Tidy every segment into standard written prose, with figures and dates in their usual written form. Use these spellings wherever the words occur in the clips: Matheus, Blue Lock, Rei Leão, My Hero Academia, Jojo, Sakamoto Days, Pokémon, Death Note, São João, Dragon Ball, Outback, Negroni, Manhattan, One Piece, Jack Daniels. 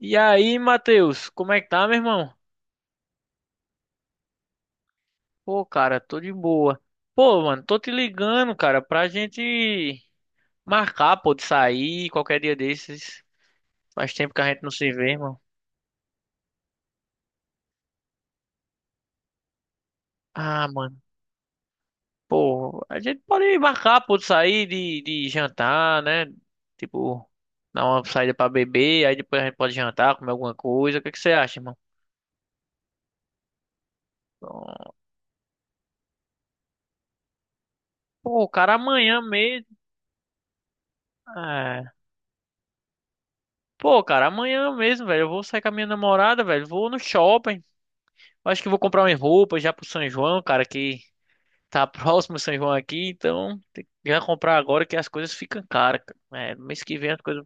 E aí, Matheus, como é que tá, meu irmão? Pô, cara, tô de boa. Pô, mano, tô te ligando, cara, pra gente marcar, pô, de sair qualquer dia desses. Faz tempo que a gente não se vê, irmão. Ah, mano, pô, a gente pode marcar, pô, de sair, de jantar, né? Tipo, dar uma saída pra beber, aí depois a gente pode jantar, comer alguma coisa. O que que você acha, irmão? Pô, cara, amanhã mesmo. É. Pô, cara, amanhã mesmo, velho. Eu vou sair com a minha namorada, velho. Vou no shopping. Eu acho que vou comprar umas roupas já pro São João, cara, que tá próximo o São João aqui, então tem que já comprar agora que as coisas ficam caras, cara. É, no mês que vem as coisas.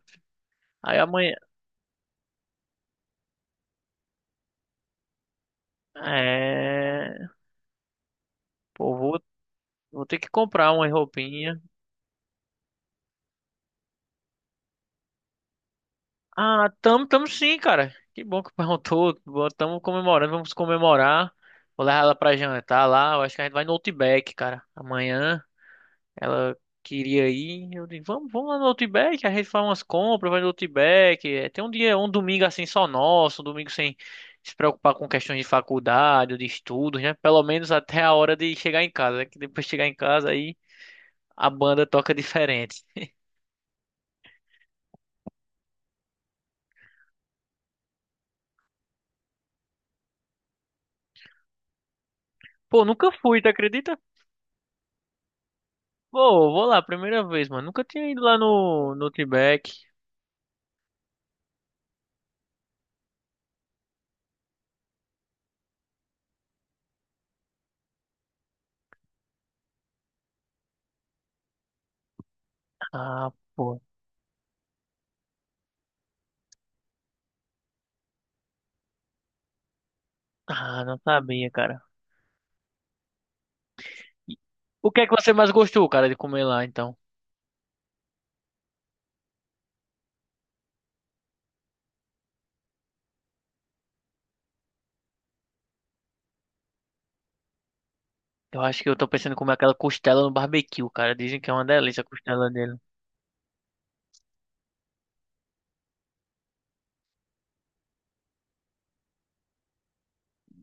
Aí amanhã. É. Pô, vou, vou ter que comprar umas roupinhas. Ah, tamo sim, cara. Que bom que perguntou. Bom, tamo comemorando, vamos comemorar. Vou levar ela pra jantar lá. Eu acho que a gente vai no Outback, cara. Amanhã. Ela queria ir. Eu disse, vamos lá no Outback, a gente faz umas compras, vai no Outback. É, tem um dia, um domingo assim só nosso, um domingo sem se preocupar com questões de faculdade, ou de estudos, né? Pelo menos até a hora de chegar em casa, né? Que depois de chegar em casa aí a banda toca diferente. Pô, nunca fui, tu acredita? Pô, vou lá, primeira vez, mano. Nunca tinha ido lá no Outback. Ah, pô. Ah, não sabia, cara. E o que é que você mais gostou, cara, de comer lá, então? Eu acho que eu tô pensando em comer aquela costela no barbecue, cara. Dizem que é uma delícia a costela dele.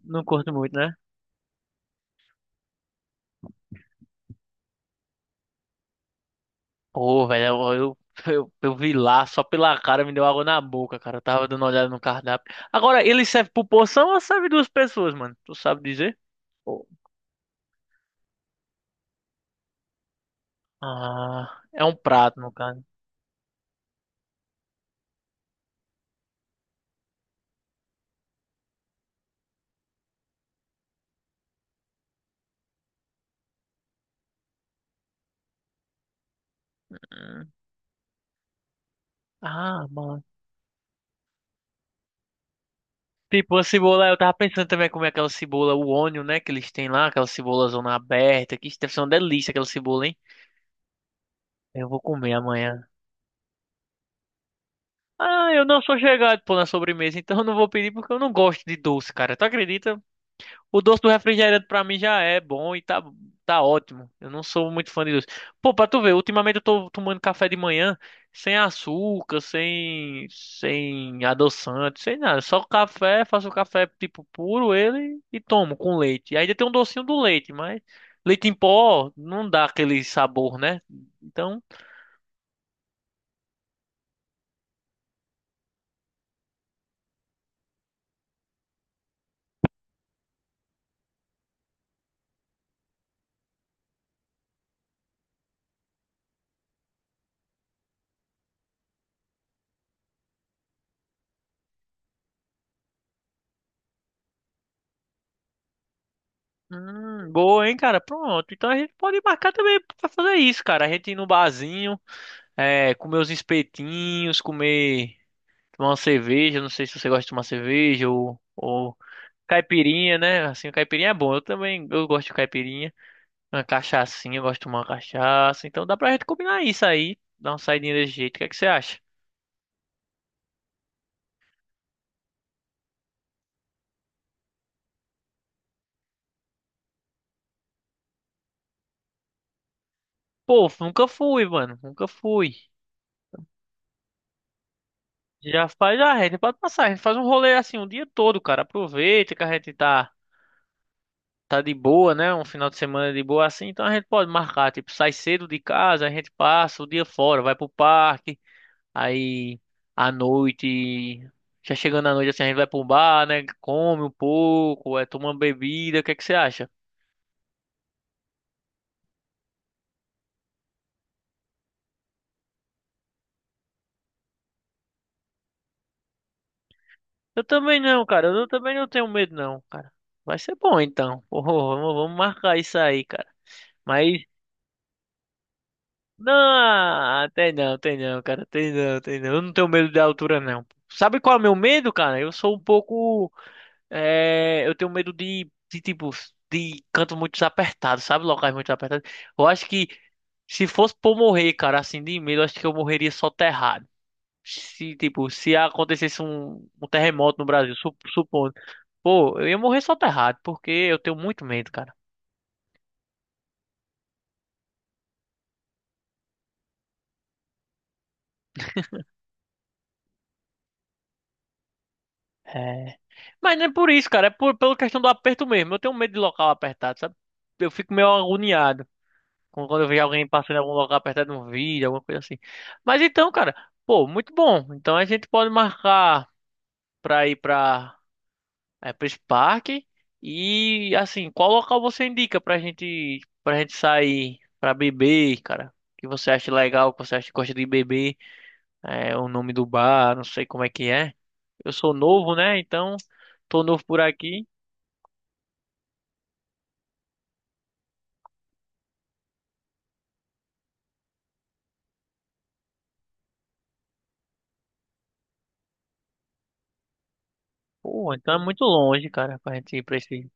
Não curto muito, né? Pô, velho, eu vi lá, só pela cara me deu água na boca, cara. Eu tava dando uma olhada no cardápio. Agora, ele serve por porção ou serve duas pessoas, mano? Tu sabe dizer? Pô. Ah, é um prato, no caso. Hum. Ah, mano. Tipo, a cebola, eu tava pensando também em comer aquela cebola, o onion, né, que eles têm lá, aquela cebola zona aberta, que isso deve ser uma delícia aquela cebola, hein? Eu vou comer amanhã. Ah, eu não sou chegado, pô, na sobremesa, então eu não vou pedir porque eu não gosto de doce, cara. Tu acredita? O doce do refrigerante pra mim já é bom e tá ótimo. Eu não sou muito fã de doce. Pô, pra tu ver, ultimamente eu tô tomando café de manhã sem açúcar, sem adoçante, sem nada. Só café, faço café tipo puro ele e tomo com leite. E ainda tem um docinho do leite, mas leite em pó não dá aquele sabor, né? Então. Boa, hein, cara? Pronto. Então a gente pode marcar também pra fazer isso, cara. A gente ir no barzinho, é, comer os espetinhos, comer, tomar uma cerveja. Não sei se você gosta de tomar cerveja ou caipirinha, né? Assim, o caipirinha é bom. Eu também, eu gosto de caipirinha. Uma cachaçinha, eu gosto de tomar uma cachaça. Então dá pra gente combinar isso aí. Dar uma saidinha desse jeito. O que é que você acha? Pô, nunca fui, mano. Nunca fui. Já faz, já, a gente pode passar. A gente faz um rolê assim o dia todo, cara. Aproveita que a gente tá. Tá de boa, né? Um final de semana de boa assim, então a gente pode marcar, tipo, sai cedo de casa, a gente passa o dia fora, vai pro parque, aí à noite, já chegando à noite assim, a gente vai pro bar, né? Come um pouco, é, toma uma bebida, o que é que você acha? Eu também não, cara, eu também não tenho medo não, cara. Vai ser bom então. Pô, vamos marcar isso aí, cara. Mas não, tem não, tem não, cara, tem não, tem não. Eu não tenho medo da altura não. Sabe qual é o meu medo, cara? Eu sou um pouco é, eu tenho medo de, tipo, de canto muito apertado, sabe? Locais muito apertados. Eu acho que se fosse por morrer, cara, assim, de medo, eu acho que eu morreria soterrado. Se, tipo, se acontecesse um, um terremoto no Brasil, supondo. Pô, eu ia morrer soterrado, porque eu tenho muito medo, cara. É. Mas não é por isso, cara, é por, pela questão do aperto mesmo. Eu tenho medo de local apertado, sabe? Eu fico meio agoniado. Quando eu vejo alguém passando em algum lugar apertando um vídeo, alguma coisa assim. Mas então, cara, pô, muito bom. Então a gente pode marcar pra ir pra, é, pra esse parque. E assim, qual local você indica pra gente sair pra beber, cara? O que você acha legal, o que você acha que gosta de beber? É, o nome do bar, não sei como é que é. Eu sou novo, né? Então, tô novo por aqui. Pô, então é muito longe, cara, pra gente ir pra esse.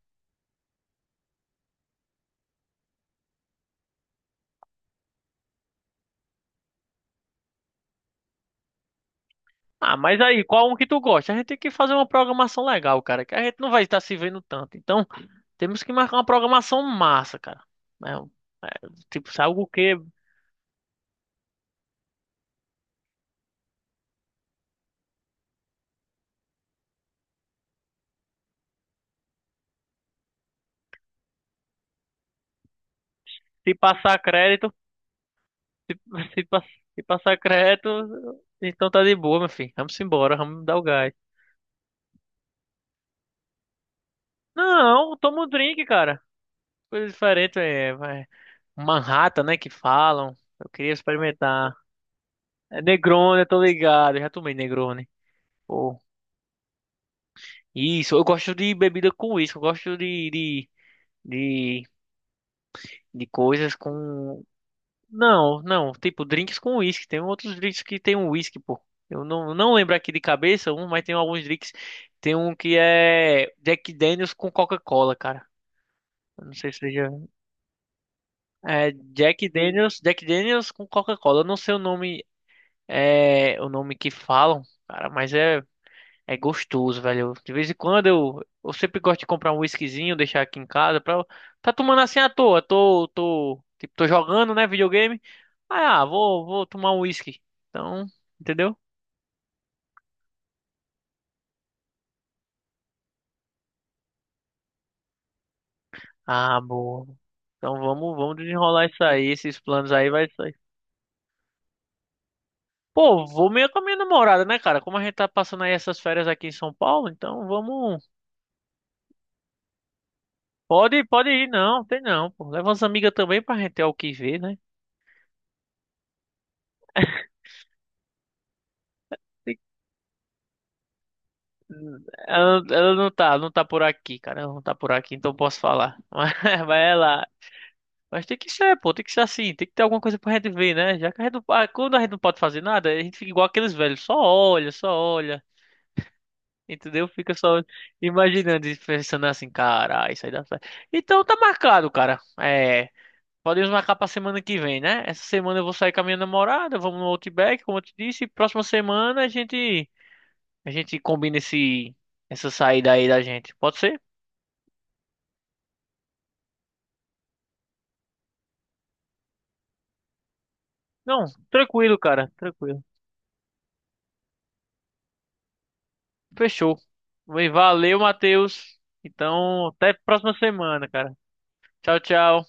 Ah, mas aí, qual um que tu gosta? A gente tem que fazer uma programação legal, cara, que a gente não vai estar se vendo tanto. Então, temos que marcar uma programação massa, cara. É, um- é, tipo, sabe o quê? Se passar crédito, se, se, pa- se passar crédito, então tá de boa, meu filho. Vamos embora, vamos dar o gás. Não, toma um drink, cara. Coisa diferente, é, vai. Manhattan, né, que falam. Eu queria experimentar. É Negroni, eu tô ligado, eu já tomei Negroni. Pô. Isso, eu gosto de bebida com uísque, eu gosto de, de coisas com. Não, não, tipo drinks com uísque. Tem outros drinks que tem um uísque, pô. Eu não lembro aqui de cabeça um, mas tem alguns drinks. Tem um que é Jack Daniels com Coca-Cola, cara. Eu não sei se você já. É Jack Daniels, Jack Daniels com Coca-Cola. Eu não sei o nome, é, o nome que falam, cara, mas é. É gostoso, velho. De vez em quando eu sempre gosto de comprar um whiskyzinho, deixar aqui em casa pra tá tomando assim à toa. Tipo, tô jogando, né, videogame. Ah, vou tomar um whisky. Então, entendeu? Ah, boa. Então vamos desenrolar isso aí, esses planos aí vai sair. Pô, vou meio com a minha namorada, né, cara? Como a gente tá passando aí essas férias aqui em São Paulo, então vamos. Pode ir, não, tem não, pô. Leva umas amigas também pra gente ter o que ver, né? Ela não tá, não tá por aqui, cara. Ela não tá por aqui, então eu posso falar. Mas ela. Mas tem que ser, pô, tem que ser assim, tem que ter alguma coisa pra gente ver, né? Já que a gente não, ah, quando a gente não pode fazer nada, a gente fica igual aqueles velhos, só olha, entendeu? Fica só imaginando e pensando assim, cara, isso aí dá certo. Então tá marcado, cara. É, podemos marcar pra semana que vem, né? Essa semana eu vou sair com a minha namorada, vamos no Outback, como eu te disse, e próxima semana a gente combina essa saída aí da gente. Pode ser? Não, tranquilo, cara, tranquilo. Fechou. Valeu, Matheus. Então, até a próxima semana, cara. Tchau, tchau.